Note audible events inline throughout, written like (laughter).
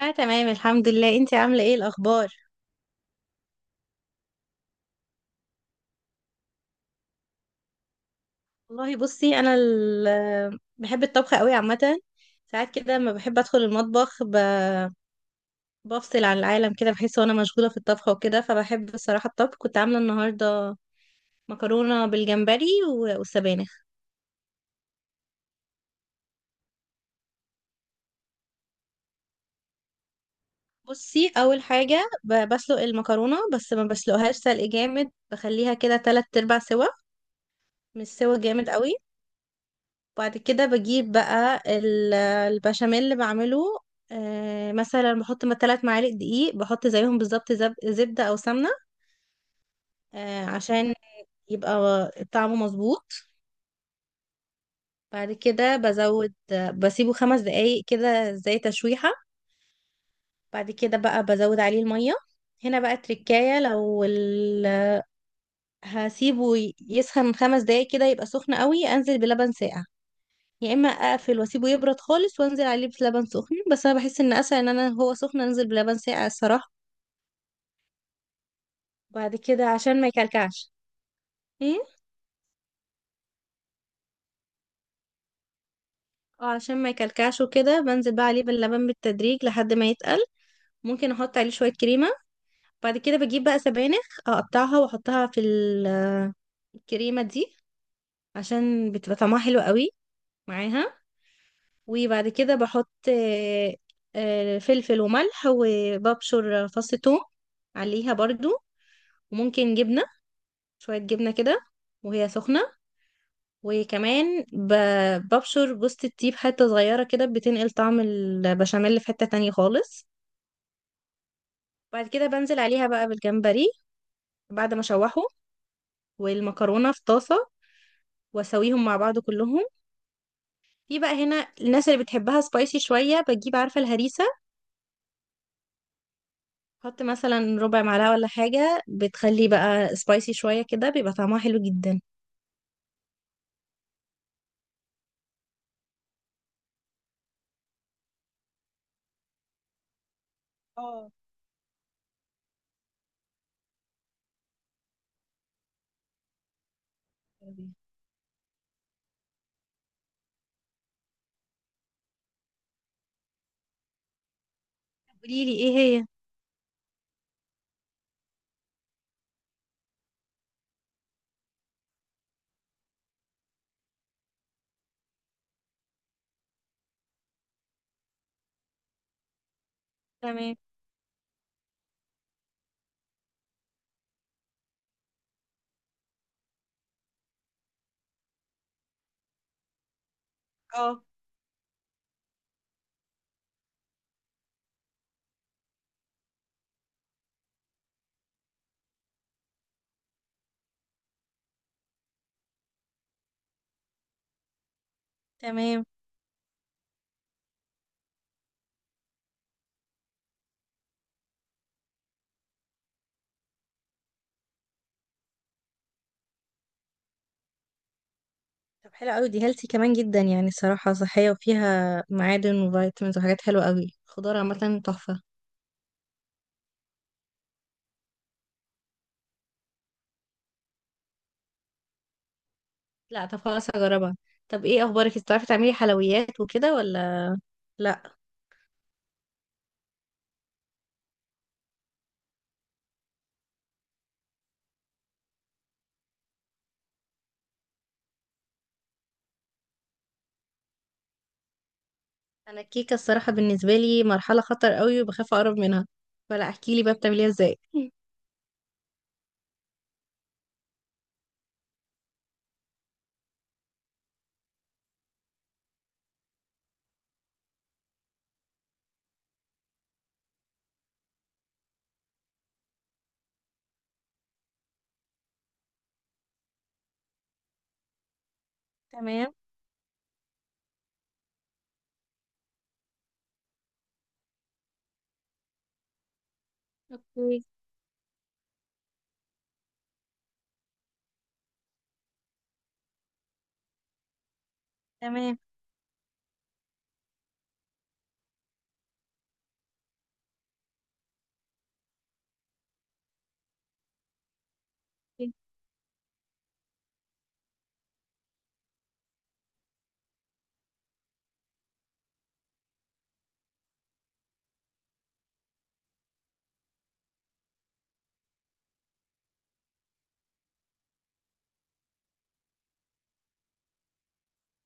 اه، تمام، الحمد لله. انتي عامله ايه الاخبار؟ والله بصي، انا بحب الطبخ قوي عامه. ساعات كده لما بحب ادخل المطبخ بفصل عن العالم كده، بحس وانا مشغوله في الطبخ وكده، فبحب الصراحه الطبخ. كنت عامله النهارده مكرونه بالجمبري والسبانخ. بصي، اول حاجه بسلق المكرونه، بس ما بسلقهاش سلق جامد، بخليها كده تلات ارباع سوا، مش سوا جامد قوي. بعد كده بجيب بقى البشاميل اللي بعمله. مثلا بحط ما 3 معالق دقيق، بحط زيهم بالظبط زبدة أو سمنة، عشان يبقى طعمه مظبوط. بعد كده بزود، بسيبه 5 دقايق كده زي تشويحة. بعد كده بقى بزود عليه المية. هنا بقى التركاية. هسيبه يسخن 5 دقايق كده يبقى سخن قوي، أنزل بلبن ساقع، يا اما اقفل واسيبه يبرد خالص وانزل عليه بلبن سخن، بس انا بحس ان اسهل ان انا هو سخن انزل بلبن ساقع الصراحه. بعد كده عشان ما يكلكعش. ايه. اه، عشان ما يكلكعش وكده بنزل بقى عليه باللبن بالتدريج لحد ما يتقل. ممكن احط عليه شويه كريمه. بعد كده بجيب بقى سبانخ، اقطعها واحطها في الكريمه دي، عشان بتبقى طعمها حلو قوي معاها. وبعد كده بحط فلفل وملح، وببشر فص ثوم عليها برضو. وممكن جبنه، شوية جبنة كده وهي سخنة. وكمان ببشر جوزة الطيب حتة صغيرة كده، بتنقل طعم البشاميل في حتة تانية خالص. بعد كده بنزل عليها بقى بالجمبري بعد ما اشوحه، والمكرونة في طاسة، واسويهم مع بعض كلهم. في بقى هنا الناس اللي بتحبها سبايسي شوية، بتجيب، عارفة الهريسة، حط مثلا ربع معلقة ولا حاجة، بتخلي بقى سبايسي شوية كده، بيبقى طعمها حلو جدا. اه. قوليلي ايه هي؟ تمام. اه، تمام. طب حلو قوي، دي هيلثي كمان جدا يعني، صراحة صحية وفيها معادن وفيتامينز وحاجات حلوة قوي، خضار عامة تحفة. لا طب خلاص، هجربها. طب ايه اخبارك؟ انت بتعرفي تعملي حلويات وكده ولا لا؟ انا الكيكة الصراحة بالنسبة لي مرحلة خطر قوي، وبخاف اقرب منها، فلا. احكي لي بقى بتعمليها ازاي. (laughs) تمام. اوكي. تمام.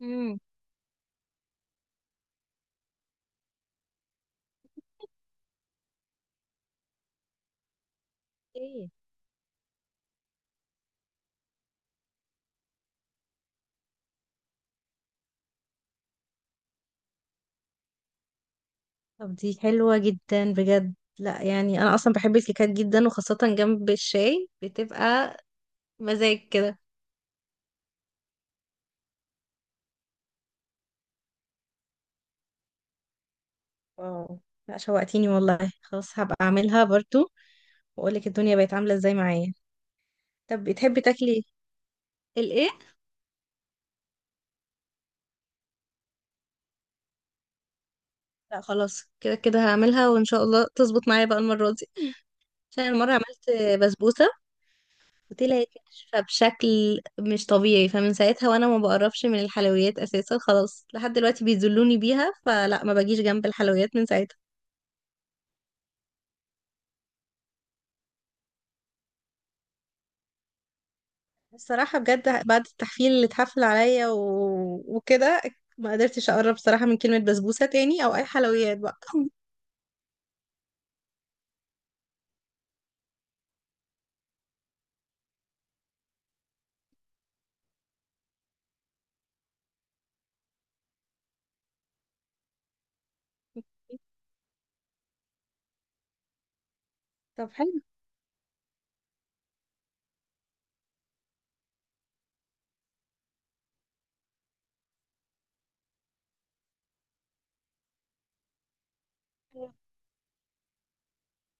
امم. ايه. طب دي حلوة جدا بجد. لا يعني انا اصلا بحب الكيكات جدا، وخاصة جنب الشاي بتبقى مزاج كده. واو. لا شوقتيني والله، خلاص هبقى اعملها برضو، واقولك الدنيا بقت عامله ازاي معايا. طب بتحبي تاكلي الايه؟ لا خلاص، كده كده هعملها وان شاء الله تظبط معايا بقى المره دي. عشان المره عملت بسبوسه وطلعت ناشفه بشكل مش طبيعي، فمن ساعتها وانا ما بقربش من الحلويات اساسا، خلاص لحد دلوقتي بيذلوني بيها، فلا ما باجيش جنب الحلويات من ساعتها. الصراحه بجد، بعد التحفيل اللي اتحفل عليا وكده، ما قدرتش اقرب صراحه من كلمه بسبوسه تاني او اي حلويات بقى. طب حلو.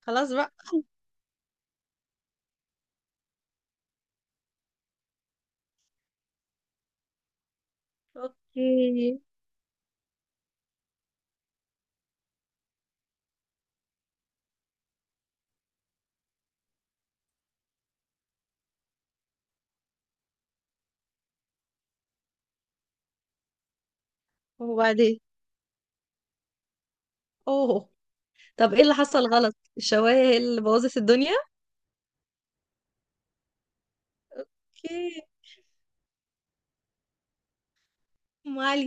خلاص بقى. اوكي. وبعدين. اوه. طب ايه اللي حصل غلط؟ الشواية هي اللي بوظت الدنيا؟ اوكي. ام علي.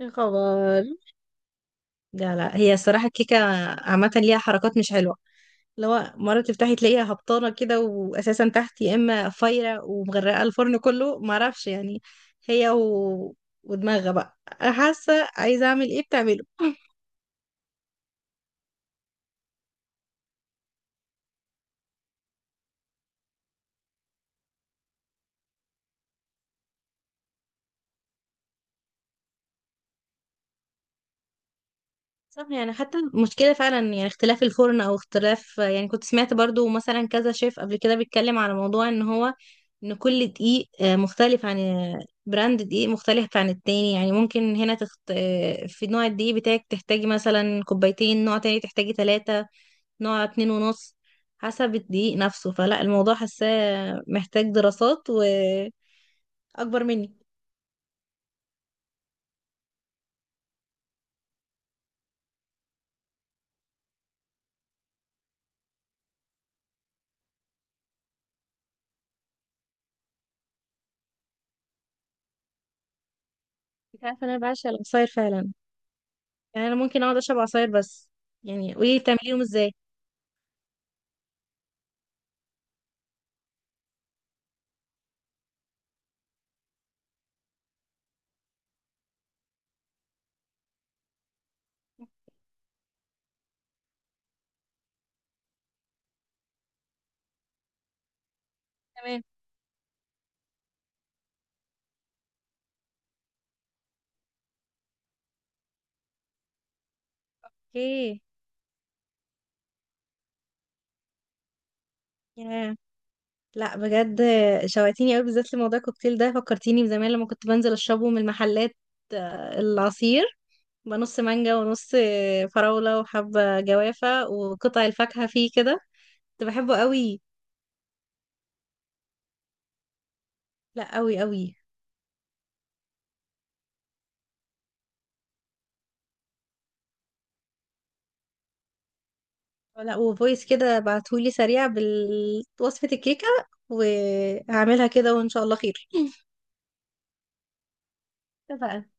يا خبر. لا لا، هي الصراحة الكيكة عامة ليها حركات مش حلوة. لو مرة تفتحي تلاقيها هبطانة كده، وأساسا تحت يا إما فايرة ومغرقة الفرن كله، معرفش يعني. هي ودماغها بقى، أنا حاسة عايزة أعمل إيه بتعمله. صح، يعني حتى المشكلة فعلا يعني اختلاف الفرن، او اختلاف يعني. كنت سمعت برضو مثلا كذا شيف قبل كده بيتكلم على موضوع ان هو، ان كل دقيق مختلف عن براند دقيق، مختلف عن التاني. يعني ممكن هنا تخت... آه، في نوع الدقيق بتاعك تحتاجي مثلا كوبايتين، نوع تاني تحتاجي ثلاثة، نوع اتنين ونص، حسب الدقيق نفسه. فلا الموضوع حاساه محتاج دراسات، واكبر مني. انت عارفة إن انا بعشق العصاير فعلا؟ يعني انا ممكن اقعد اشرب عصاير بس. يعني قولي لي بتعمليهم ازاي. تمام. اوكي. ياه. لا بجد شوقتيني قوي، بالذات لموضوع الكوكتيل ده. فكرتيني بزمان لما كنت بنزل اشربه من المحلات، العصير بقى نص مانجا ونص فراولة وحبة جوافة وقطع الفاكهة فيه كده. كنت بحبه قوي. لا قوي قوي. لا وفويس كده بعتهولي سريع بوصفة الكيكة، وهعملها كده وان شاء الله خير. اتفقنا.